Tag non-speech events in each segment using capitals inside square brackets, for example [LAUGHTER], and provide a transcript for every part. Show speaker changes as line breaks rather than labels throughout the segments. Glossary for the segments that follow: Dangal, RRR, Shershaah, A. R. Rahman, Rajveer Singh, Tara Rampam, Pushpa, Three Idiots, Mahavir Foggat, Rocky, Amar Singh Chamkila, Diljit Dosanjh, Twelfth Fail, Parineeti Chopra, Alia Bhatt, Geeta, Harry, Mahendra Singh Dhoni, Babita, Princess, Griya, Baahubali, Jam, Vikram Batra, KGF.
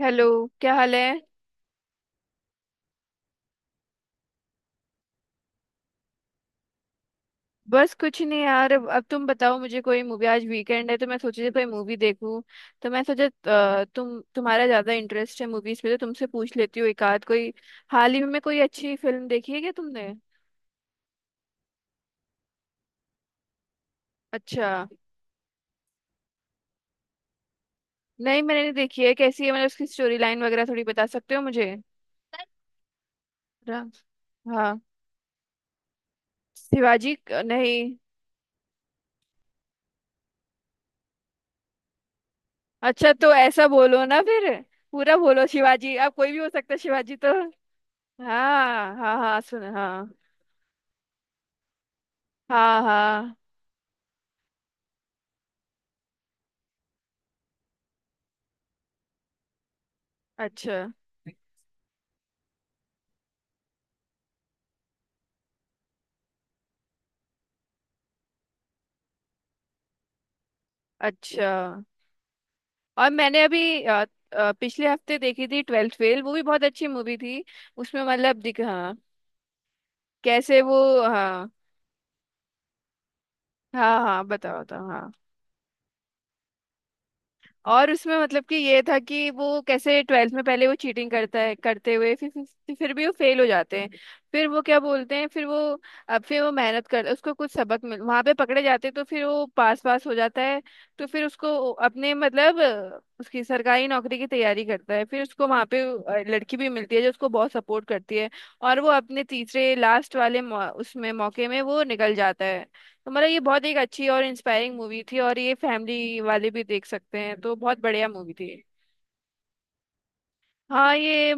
Hello. क्या हाल है। बस कुछ नहीं यार। अब तुम बताओ मुझे कोई मूवी। आज वीकेंड है तो मैं सोची थी कोई मूवी देखूं। तो मैं सोचा तुम्हारा ज्यादा इंटरेस्ट है मूवीज पे, तो तुमसे पूछ लेती हूँ एक आध कोई। हाल ही में कोई अच्छी फिल्म देखी है क्या तुमने। अच्छा। नहीं, मैंने नहीं देखी है। कैसी है, मतलब उसकी स्टोरी लाइन वगैरह थोड़ी बता सकते हो मुझे। रा- हाँ। शिवाजी नहीं। अच्छा तो ऐसा बोलो ना फिर। पूरा बोलो। शिवाजी अब कोई भी हो सकता है शिवाजी तो। हाँ हाँ हाँ, सुन, हाँ। हाँ हाँ। अच्छा। अच्छा। और मैंने अभी पिछले हफ्ते देखी थी ट्वेल्थ फेल। वो भी बहुत अच्छी मूवी थी। उसमें मतलब दिख, हाँ। कैसे वो। हाँ। हाँ हाँ बताओ बताओ हाँ। और उसमें मतलब कि ये था कि वो कैसे ट्वेल्थ में पहले वो चीटिंग करता है, करते हुए फिर फिर भी वो फेल हो जाते हैं। फिर वो क्या बोलते हैं, फिर वो, अब फिर वो मेहनत कर, उसको कुछ सबक मिल, वहां पे पकड़े जाते हैं तो फिर वो पास पास हो जाता है। तो फिर उसको अपने मतलब उसकी सरकारी नौकरी की तैयारी करता है। फिर उसको वहां पे लड़की भी मिलती है जो उसको बहुत सपोर्ट करती है। और वो अपने तीसरे लास्ट वाले उसमें मौके में वो निकल जाता है। तो मतलब ये बहुत एक अच्छी और इंस्पायरिंग मूवी थी, और ये फैमिली वाले भी देख सकते हैं, तो बहुत बढ़िया मूवी थी। हाँ ये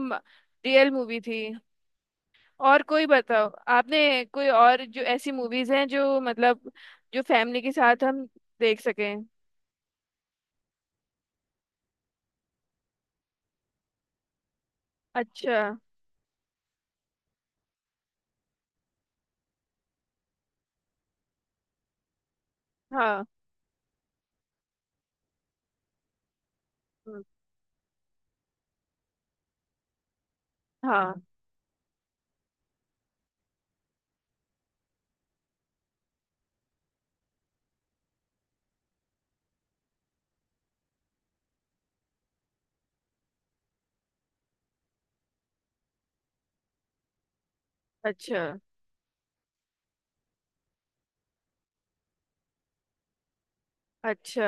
रियल मूवी थी। और कोई बताओ, आपने कोई और जो ऐसी मूवीज हैं जो मतलब जो फैमिली के साथ हम देख सकें। अच्छा। हाँ। हम्म, हाँ। अच्छा। अच्छा।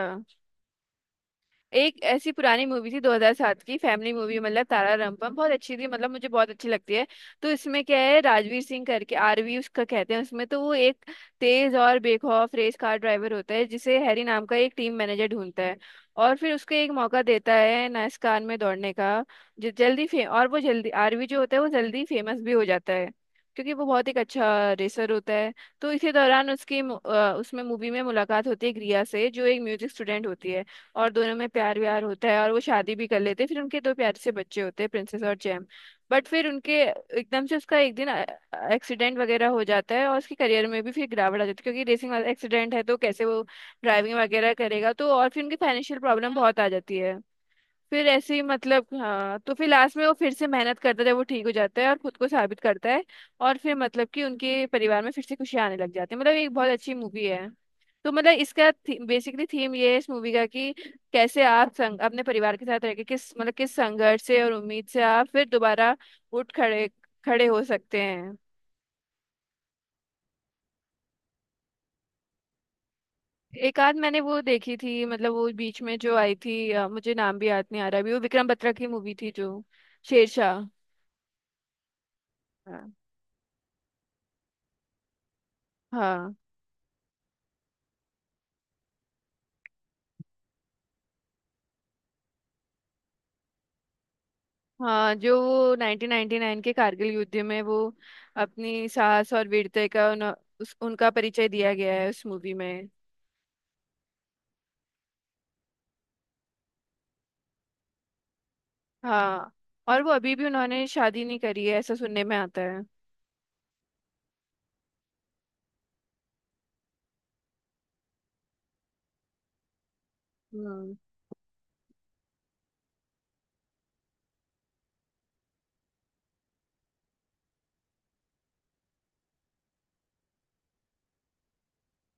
एक ऐसी पुरानी मूवी थी 2007 की फैमिली मूवी मतलब तारा रामपम, बहुत अच्छी थी, मतलब मुझे बहुत अच्छी लगती है। तो इसमें क्या है, राजवीर सिंह करके R V उसका कहते हैं उसमें, तो वो एक तेज और बेखौफ रेस कार ड्राइवर होता है, जिसे हैरी नाम का एक टीम मैनेजर ढूंढता है। और फिर उसको एक मौका देता है नाइस्कान में दौड़ने का। जो जल्दी फे और वो जल्दी R V जो होता है वो जल्दी फेमस भी हो जाता है, क्योंकि वो बहुत एक अच्छा रेसर होता है। तो इसी दौरान उसकी उसमें मूवी में मुलाकात होती है ग्रिया से, जो एक म्यूजिक स्टूडेंट होती है। और दोनों में प्यार व्यार होता है और वो शादी भी कर लेते हैं। फिर उनके दो प्यारे से बच्चे होते हैं, प्रिंसेस और जैम। बट फिर उनके एकदम से उसका एक दिन एक्सीडेंट वगैरह हो जाता है, और उसके करियर में भी फिर गिरावट आ जाती है, क्योंकि रेसिंग वाला एक्सीडेंट है तो कैसे वो ड्राइविंग वगैरह करेगा। तो और फिर उनकी फाइनेंशियल प्रॉब्लम बहुत आ जाती है। फिर ऐसे ही मतलब हाँ, तो फिर लास्ट में वो फिर से मेहनत करता है जब वो ठीक हो जाता है और खुद को साबित करता है। और फिर मतलब कि उनके परिवार में फिर से खुशी आने लग जाती है। मतलब एक बहुत अच्छी मूवी है। तो मतलब इसका बेसिकली थीम ये है इस मूवी का कि कैसे आप अपने परिवार के साथ रहकर किस मतलब किस संघर्ष से और उम्मीद से आप फिर दोबारा उठ खड़े खड़े हो सकते हैं। एक आध मैंने वो देखी थी मतलब वो बीच में जो आई थी मुझे नाम भी याद नहीं आ रहा अभी, वो विक्रम बत्रा की मूवी थी जो शेरशाह। हाँ। हाँ हाँ। जो वो 1999 के कारगिल युद्ध में वो अपनी साहस और वीरता का उनका परिचय दिया गया है उस मूवी में। हाँ। और वो अभी भी उन्होंने शादी नहीं करी है ऐसा सुनने में आता है। हम्म।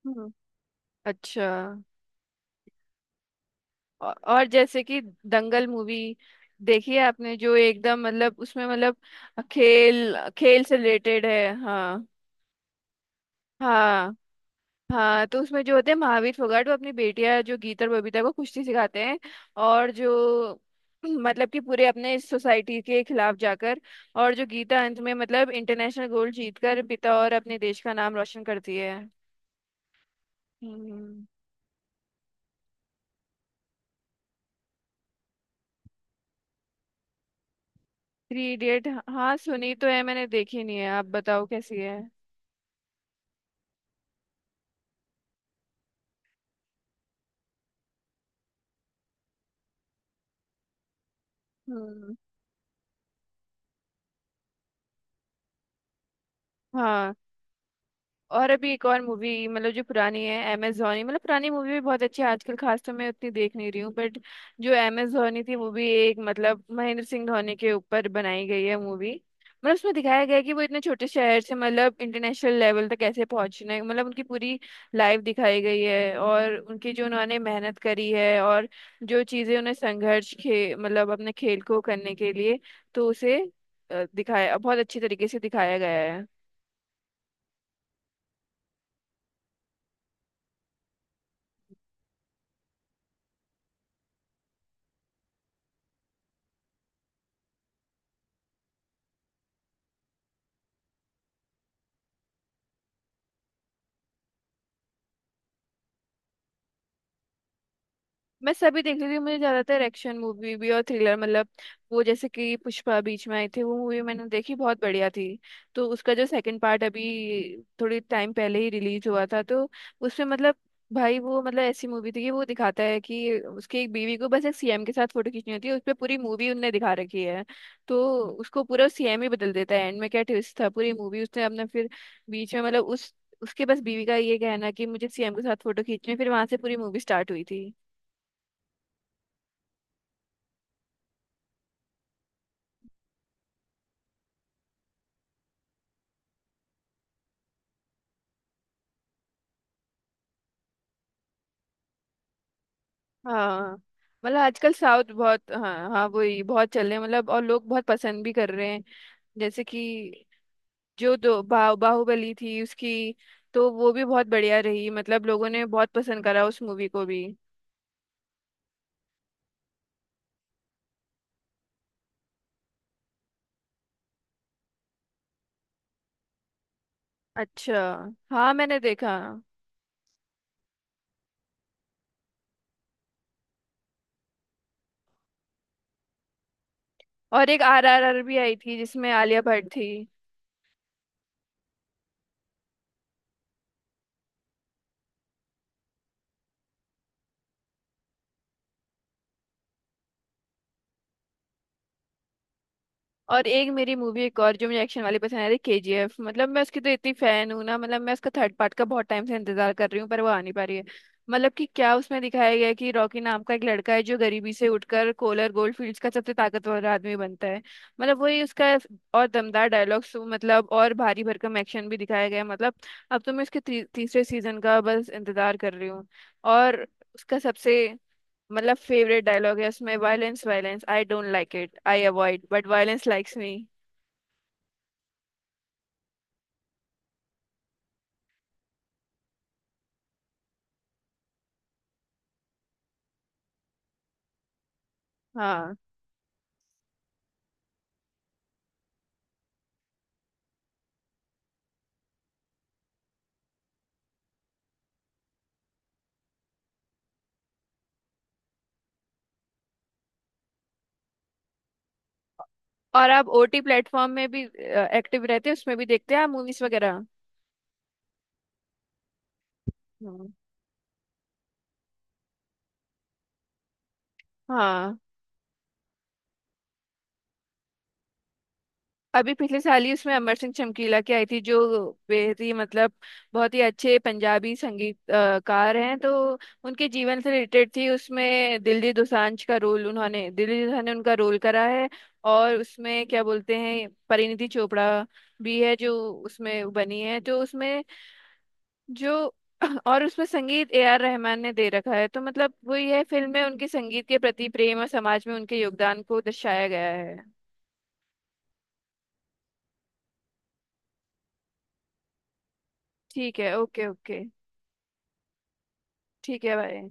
हम्म। अच्छा। और जैसे कि दंगल मूवी देखी है आपने, जो एकदम मतलब उसमें मतलब खेल खेल से रिलेटेड है, हाँ। हाँ। हाँ तो उसमें जो होते हैं महावीर फोगाट, वो अपनी बेटियां जो गीता और बबीता को कुश्ती सिखाते हैं। और जो [CLEARS THROAT] मतलब कि पूरे अपने सोसाइटी के खिलाफ जाकर, और जो गीता अंत में मतलब इंटरनेशनल गोल्ड जीतकर पिता और अपने देश का नाम रोशन करती है। हम्म। थ्री इडियट, हाँ सुनी तो है मैंने, देखी नहीं है। आप बताओ कैसी है। हम्म। हाँ। और अभी एक और मूवी मतलब जो पुरानी है अमेजोनी, मतलब पुरानी मूवी भी बहुत अच्छी है। आजकल खास तो मैं उतनी देख नहीं रही हूँ बट जो अमेजोनी थी वो भी एक मतलब महेंद्र सिंह धोनी के ऊपर बनाई गई है मूवी। मतलब उसमें दिखाया गया है कि वो इतने छोटे शहर से मतलब इंटरनेशनल लेवल तक कैसे पहुंचने, मतलब उनकी पूरी लाइफ दिखाई गई है, और उनकी जो उन्होंने मेहनत करी है, और जो चीज़ें उन्हें संघर्ष खे मतलब अपने खेल को करने के लिए, तो उसे दिखाया, बहुत अच्छे तरीके से दिखाया गया है। मैं सभी देख रही थी। मुझे ज्यादातर एक्शन मूवी भी और थ्रिलर मतलब, वो जैसे कि पुष्पा बीच में आई थी वो मूवी मैंने देखी, बहुत बढ़िया थी। तो उसका जो सेकंड पार्ट अभी थोड़ी टाइम पहले ही रिलीज हुआ था, तो उसमें मतलब भाई वो मतलब ऐसी मूवी थी कि वो दिखाता है कि उसकी एक बीवी को बस एक C M के साथ फोटो खींचनी होती है, उस पर पूरी मूवी उनने दिखा रखी है। तो उसको पूरा C M ही बदल देता है एंड में, क्या ट्विस्ट था। पूरी मूवी उसने अपना फिर बीच में मतलब उस, उसके बस बीवी का ये कहना कि मुझे C M के साथ फोटो खींचनी है, फिर वहां से पूरी मूवी स्टार्ट हुई थी। हाँ। मतलब आजकल साउथ बहुत, हाँ हाँ, वही बहुत चल रहे हैं, मतलब और लोग बहुत पसंद भी कर रहे हैं। जैसे कि जो दो बाहुबली थी उसकी, तो वो भी बहुत बढ़िया रही, मतलब लोगों ने बहुत पसंद करा उस मूवी को भी। अच्छा। हाँ मैंने देखा। और एक R R R भी आई थी जिसमें आलिया भट्ट थी। और एक मेरी मूवी एक और जो मुझे एक्शन वाली पसंद आ रही KGF, मतलब मैं उसकी तो इतनी फैन हूँ ना, मतलब मैं उसका थर्ड पार्ट का बहुत टाइम से इंतजार कर रही हूँ पर वो आ नहीं पा रही है। मतलब कि क्या उसमें दिखाया गया है कि रॉकी नाम का एक लड़का है जो गरीबी से उठकर कोलर गोल्ड फील्ड्स का सबसे ताकतवर आदमी बनता है। मतलब वही उसका, और दमदार डायलॉग्स मतलब, और भारी भरकम एक्शन भी दिखाया गया है मतलब। अब तो मैं उसके तीसरे सीजन का बस इंतजार कर रही हूँ। और उसका सबसे मतलब फेवरेट डायलॉग है उसमें, violence, violence I don't like it, I avoid, but violence likes me. हाँ और आप O T प्लेटफॉर्म में भी एक्टिव रहते हैं, उसमें भी देखते हैं आप मूवीज वगैरह। हाँ। हाँ अभी पिछले साल ही उसमें अमर सिंह चमकीला की आई थी, जो बेहद ही मतलब बहुत ही अच्छे पंजाबी संगीतकार हैं, तो उनके जीवन से रिलेटेड थी। उसमें दिलजीत दोसांझ का रोल, उन्होंने दिलजीत दोसांझ ने उनका रोल करा है। और उसमें क्या बोलते हैं, परिणीति चोपड़ा भी है जो उसमें बनी है। तो उसमें जो [CLEARS THROAT] और उसमें संगीत A R रहमान ने दे रखा है। तो मतलब वो यह फिल्म में उनके संगीत के प्रति प्रेम और समाज में उनके योगदान को दर्शाया गया है। ठीक है, ओके ओके। ठीक है भाई।